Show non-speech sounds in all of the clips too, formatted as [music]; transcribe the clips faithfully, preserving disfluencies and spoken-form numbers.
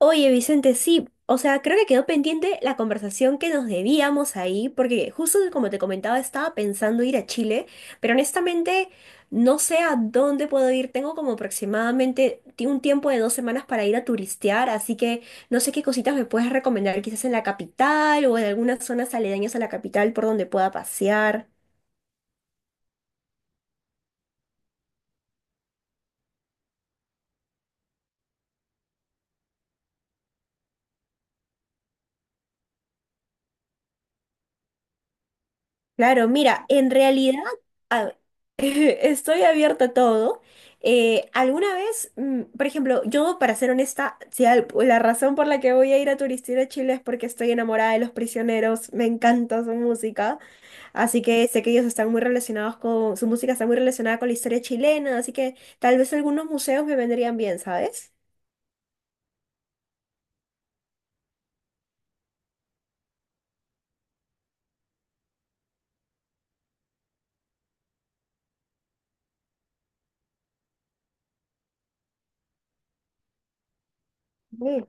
Oye, Vicente, sí, o sea, creo que quedó pendiente la conversación que nos debíamos ahí, porque justo como te comentaba, estaba pensando ir a Chile, pero honestamente no sé a dónde puedo ir. Tengo como aproximadamente ti- un tiempo de dos semanas para ir a turistear, así que no sé qué cositas me puedes recomendar, quizás en la capital o en algunas zonas aledañas a la capital por donde pueda pasear. Claro, mira, en realidad a- [laughs] estoy abierta a todo. Eh, alguna vez, mm, por ejemplo, yo para ser honesta, si al- la razón por la que voy a ir a turistear a Chile es porque estoy enamorada de Los Prisioneros, me encanta su música, así que sé que ellos están muy relacionados con, su música está muy relacionada con la historia chilena, así que tal vez algunos museos me vendrían bien, ¿sabes? Sí,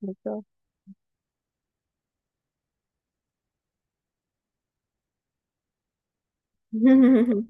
de todo. [laughs]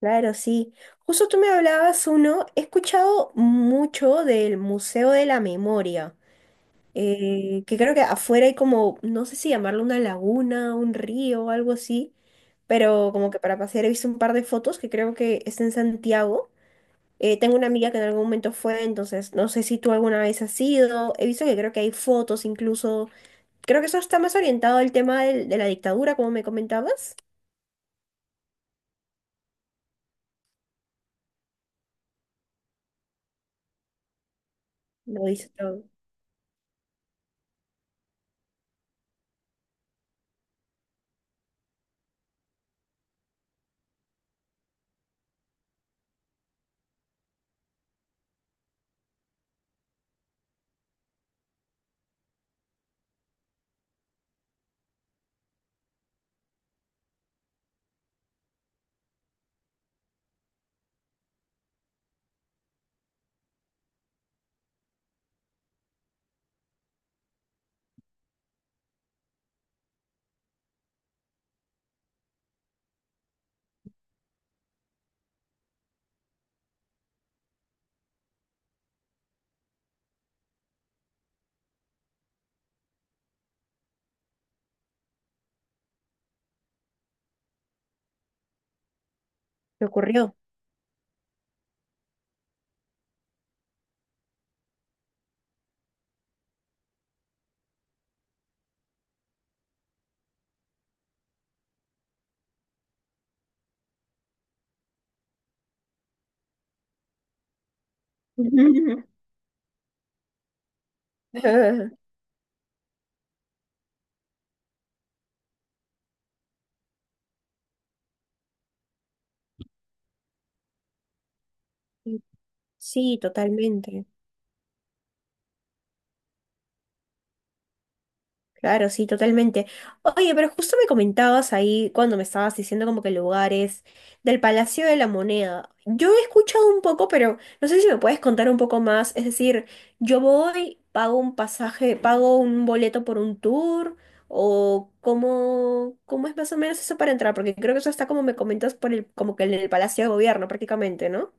Claro, sí. Justo tú me hablabas uno, he escuchado mucho del Museo de la Memoria, eh, que creo que afuera hay como, no sé si llamarlo una laguna, un río o algo así, pero como que para pasear he visto un par de fotos que creo que está en Santiago. Eh, tengo una amiga que en algún momento fue, entonces no sé si tú alguna vez has ido. He visto que creo que hay fotos incluso. Creo que eso está más orientado al tema del- de, la dictadura, como me comentabas. Lo dice, lo, lo ocurrió. [laughs] [laughs] Sí, totalmente. Claro, sí, totalmente. Oye, pero justo me comentabas ahí cuando me estabas diciendo como que lugares del Palacio de la Moneda. Yo he escuchado un poco, pero no sé si me puedes contar un poco más. Es decir, yo voy, pago un pasaje, pago un boleto por un tour, o cómo, cómo es más o menos eso para entrar, porque creo que eso está como me comentas por el, como que en el Palacio de Gobierno prácticamente, ¿no?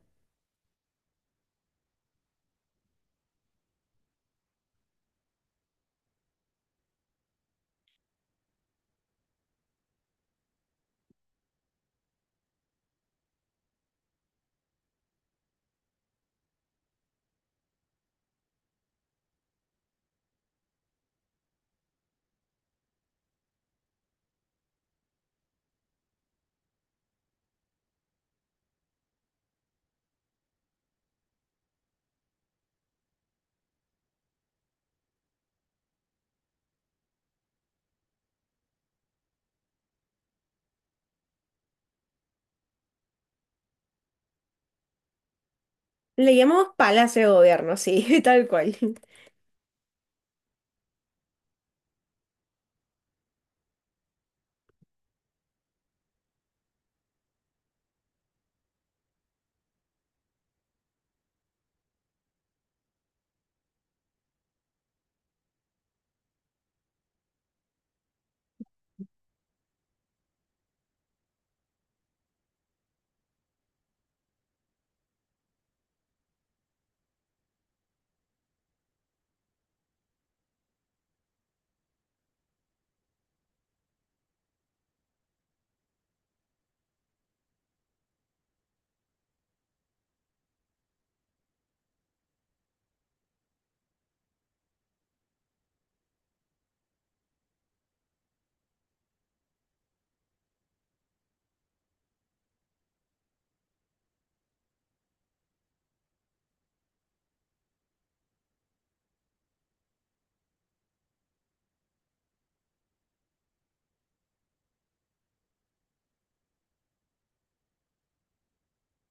Le llamamos Palacio de Gobierno, sí, [laughs] tal cual.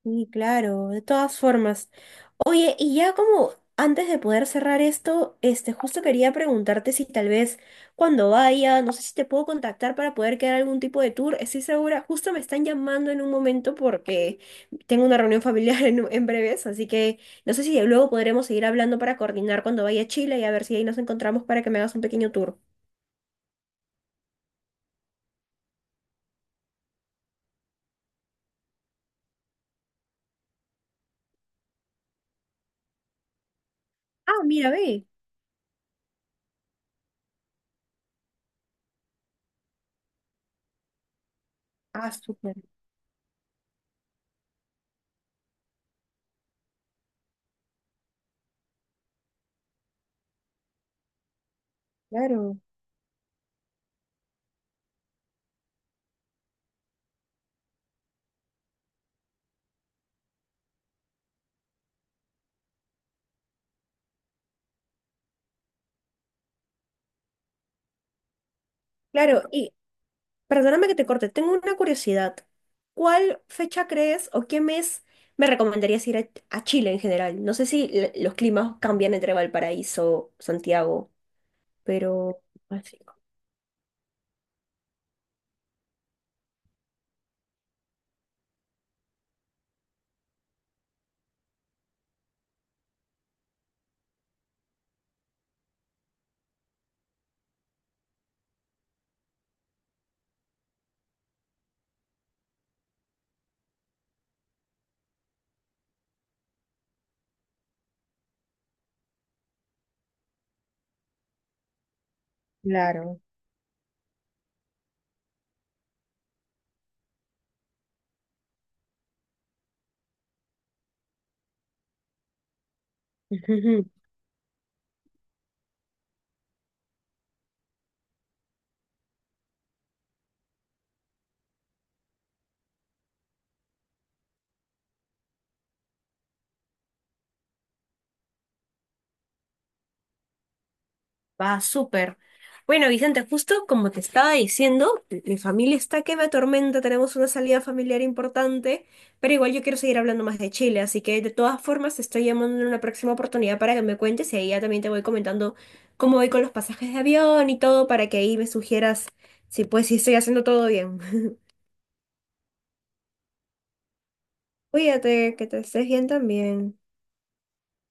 Sí, claro, de todas formas. Oye, y ya como antes de poder cerrar esto, este, justo quería preguntarte si tal vez cuando vaya, no sé si te puedo contactar para poder quedar algún tipo de tour. Estoy segura, justo me están llamando en un momento porque tengo una reunión [laughs] familiar en, en breves, así que no sé si luego podremos seguir hablando para coordinar cuando vaya a Chile y a ver si ahí nos encontramos para que me hagas un pequeño tour. Ah, mira, ve. Ah, súper, claro. Claro, perdóname que te corte, tengo una curiosidad. ¿Cuál fecha crees o qué mes me recomendarías ir a, a Chile en general? No sé si l- los climas cambian entre Valparaíso, Santiago, pero... así. Claro. [laughs] Va, súper. Bueno, Vicente, justo como te estaba diciendo, mi familia está que me atormenta, tenemos una salida familiar importante, pero igual yo quiero seguir hablando más de Chile, así que de todas formas te estoy llamando en una próxima oportunidad para que me cuentes y ahí ya también te voy comentando cómo voy con los pasajes de avión y todo para que ahí me sugieras si pues si estoy haciendo todo bien. [laughs] Cuídate, que te estés bien también.